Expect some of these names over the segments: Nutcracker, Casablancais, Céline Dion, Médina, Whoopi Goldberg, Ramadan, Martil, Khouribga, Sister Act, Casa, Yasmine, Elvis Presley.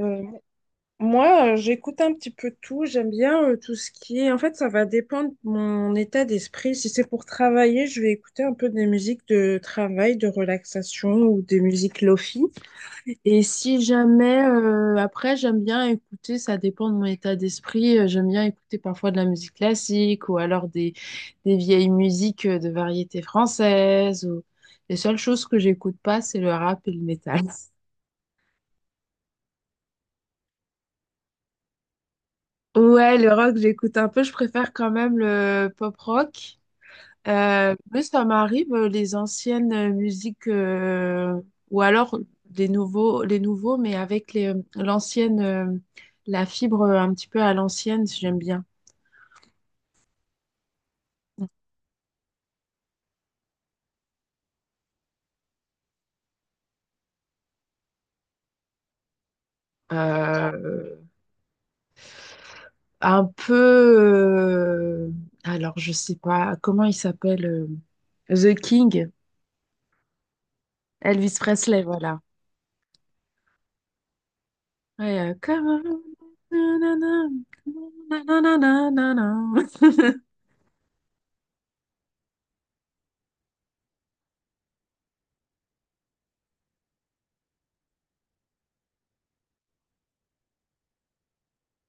Euh, Moi, j'écoute un petit peu tout. J'aime bien tout ce qui est. En fait, ça va dépendre de mon état d'esprit. Si c'est pour travailler, je vais écouter un peu des musiques de travail, de relaxation ou des musiques lofi. Et si jamais, après, j'aime bien écouter, ça dépend de mon état d'esprit, j'aime bien écouter parfois de la musique classique ou alors des vieilles musiques de variété française. Ou. Les seules choses que j'écoute pas, c'est le rap et le métal. Ouais, le rock, j'écoute un peu, je préfère quand même le pop rock. Oui, ça m'arrive, les anciennes musiques, ou alors des nouveaux, les nouveaux, mais avec l'ancienne, la fibre un petit peu à l'ancienne, j'aime bien. Euh, un peu, alors je sais pas, comment il s'appelle, The King, Elvis Presley, voilà. Ouais, come on, na, na, na, na, na, na, na, na, na.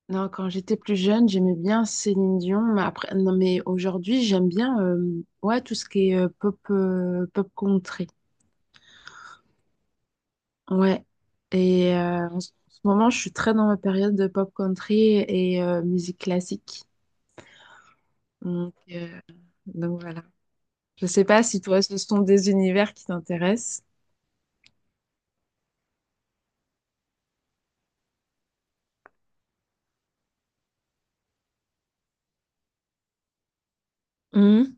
Non, quand j'étais plus jeune, j'aimais bien Céline Dion, mais après, non, mais aujourd'hui, j'aime bien ouais, tout ce qui est pop, pop country. Ouais. Et en ce moment, je suis très dans ma période de pop country et musique classique. Donc, euh, donc voilà. Je sais pas si toi, ce sont des univers qui t'intéressent. Mhm.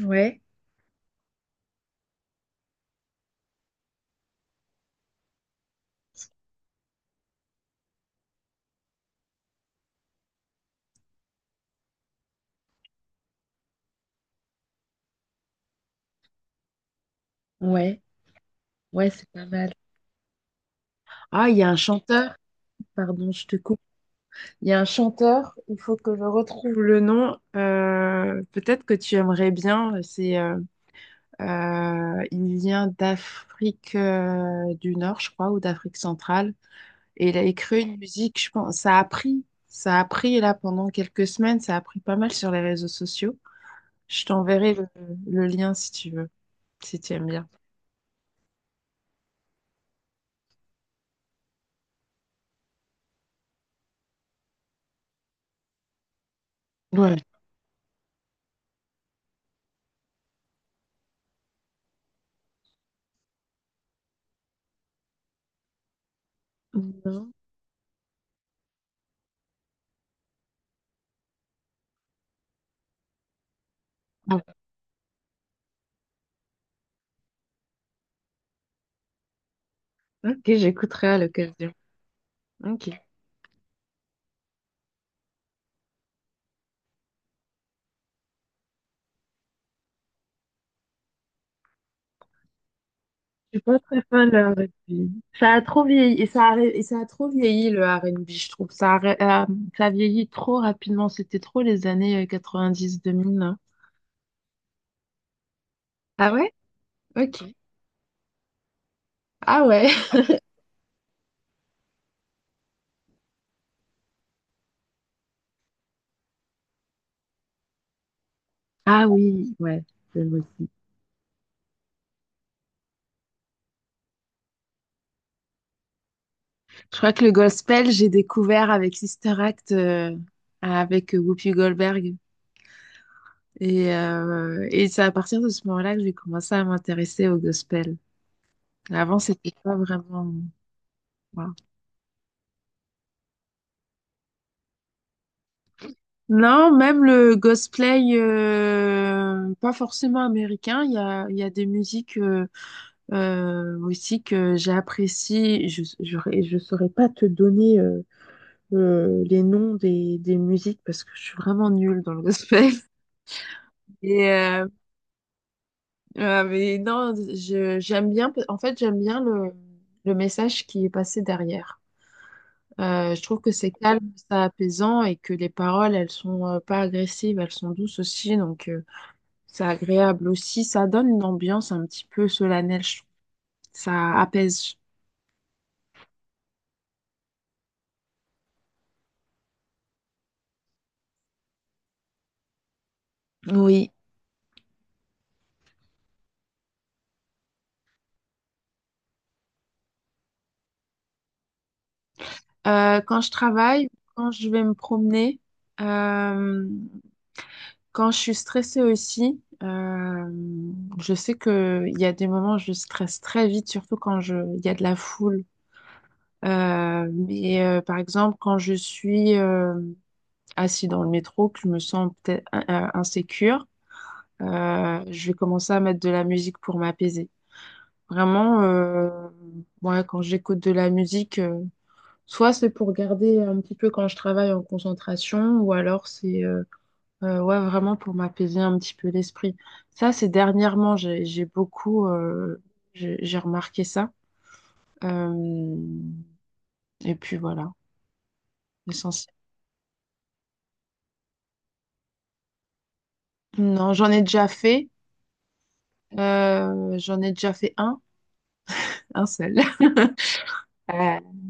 Ouais, ouais, ouais, c'est pas mal. Ah, il y a un chanteur, pardon, je te coupe. Il y a un chanteur, il faut que je retrouve le nom. Peut-être que tu aimerais bien. Il vient d'Afrique du Nord, je crois, ou d'Afrique centrale. Et il a écrit une musique, je pense. Ça a pris là pendant quelques semaines. Ça a pris pas mal sur les réseaux sociaux. Je t'enverrai le lien si tu veux, si tu aimes bien. Ouais. Non. Ah, ok, j'écouterai à l'occasion. Ok. Je suis pas très fan de R&B. Ça a trop vieilli et ça a trop vieilli le R&B, je trouve. Ça a vieilli trop rapidement. C'était trop les années 90-2000. Ah ouais? Ok. Ah ouais. Ah oui, ouais. Je j'aime aussi. Je crois que le gospel, j'ai découvert avec Sister Act, avec Whoopi Goldberg. Et c'est à partir de ce moment-là que j'ai commencé à m'intéresser au gospel. Avant, c'était pas vraiment. Non, même le cosplay, pas forcément américain, il y a des musiques aussi que j'apprécie. Je saurais pas te donner les noms des musiques parce que je suis vraiment nulle dans le cosplay. Et, euh, mais non, j'aime bien, en fait, j'aime bien le message qui est passé derrière. Je trouve que c'est calme, c'est apaisant et que les paroles, elles sont pas agressives, elles sont douces aussi. C'est agréable aussi, ça donne une ambiance un petit peu solennelle, je trouve. Ça apaise. Oui. Quand je travaille, quand je vais me promener, euh, quand je suis stressée aussi, je sais que il y a des moments où je stresse très vite, surtout il y a de la foule. Par exemple, quand je suis assis dans le métro, que je me sens peut-être insécure, je vais commencer à mettre de la musique pour m'apaiser. Vraiment, ouais, quand j'écoute de la musique, soit c'est pour garder un petit peu quand je travaille en concentration, ou alors c'est, ouais, vraiment pour m'apaiser un petit peu l'esprit. Ça, c'est dernièrement, j'ai beaucoup, j'ai remarqué ça. Euh, et puis voilà, l'essentiel. Non, j'en ai déjà fait. J'en ai déjà fait un seul.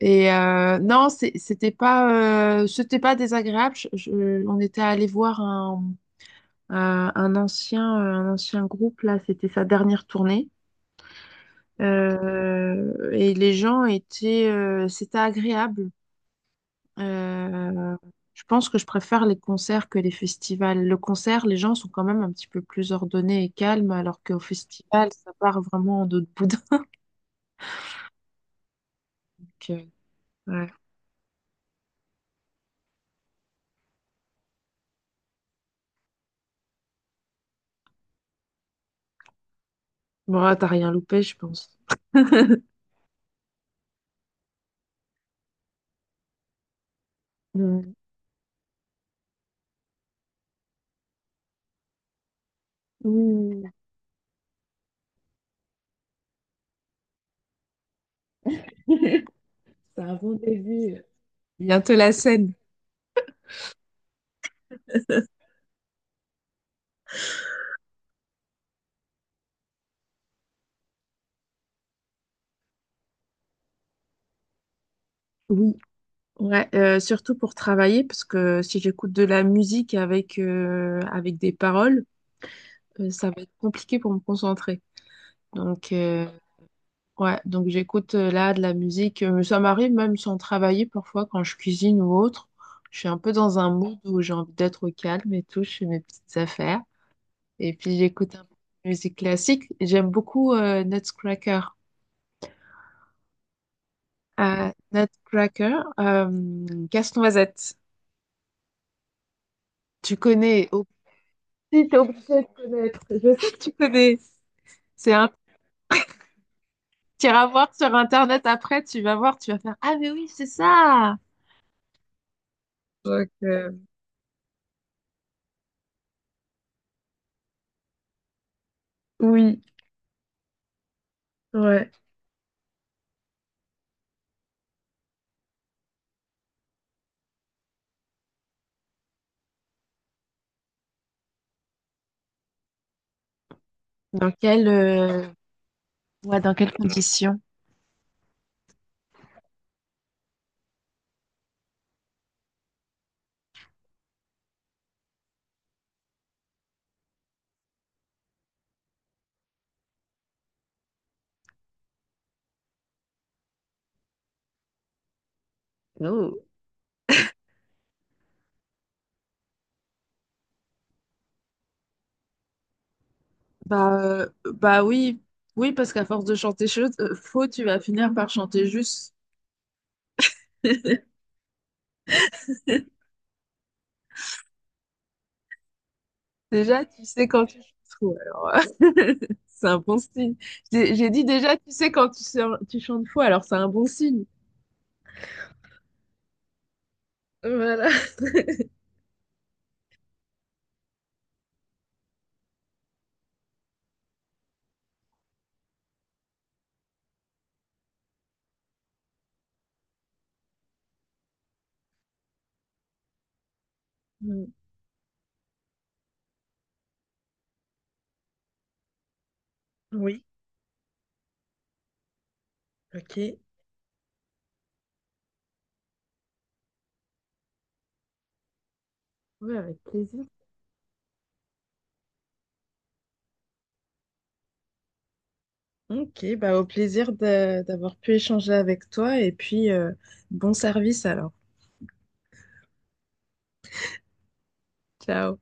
Et non, c'était pas désagréable. On était allé voir un ancien groupe là. C'était sa dernière tournée. Et les gens étaient, c'était agréable. Euh, je pense que je préfère les concerts que les festivals. Le concert, les gens sont quand même un petit peu plus ordonnés et calmes, alors qu'au festival, ça part vraiment en d'autres boudin. Donc, euh, ouais. Bon, t'as rien loupé, je pense. Mm. Oui, oui, oui. Ouais, surtout pour travailler, parce que si j'écoute de la musique avec des paroles, ça va être compliqué pour me concentrer. Donc, ouais, j'écoute là de la musique. Ça m'arrive même sans travailler parfois quand je cuisine ou autre. Je suis un peu dans un mood où j'ai envie d'être au calme et tout, je fais mes petites affaires. Et puis j'écoute un peu de musique classique. J'aime beaucoup Nutcracker. Nutcracker, Casse-Noisette. Tu connais? Si, t'es obligé de connaître. Je sais que tu connais. C'est un petit voir sur Internet après, tu vas voir, tu vas faire: ah, mais oui, c'est ça! Donc, euh, oui, ouais. Dans quelle, euh, ouais, dans quelles conditions? Juste, déjà, tu sais quand tu chantes fou, alors, euh, c'est un bon signe. J'ai dit déjà, tu sais quand tu chantes fou, alors c'est un bon signe. Voilà. Mm. Oui, ok. Ouais, avec plaisir. Ok, bah au plaisir d'avoir pu échanger avec toi et puis bon service alors. Ciao.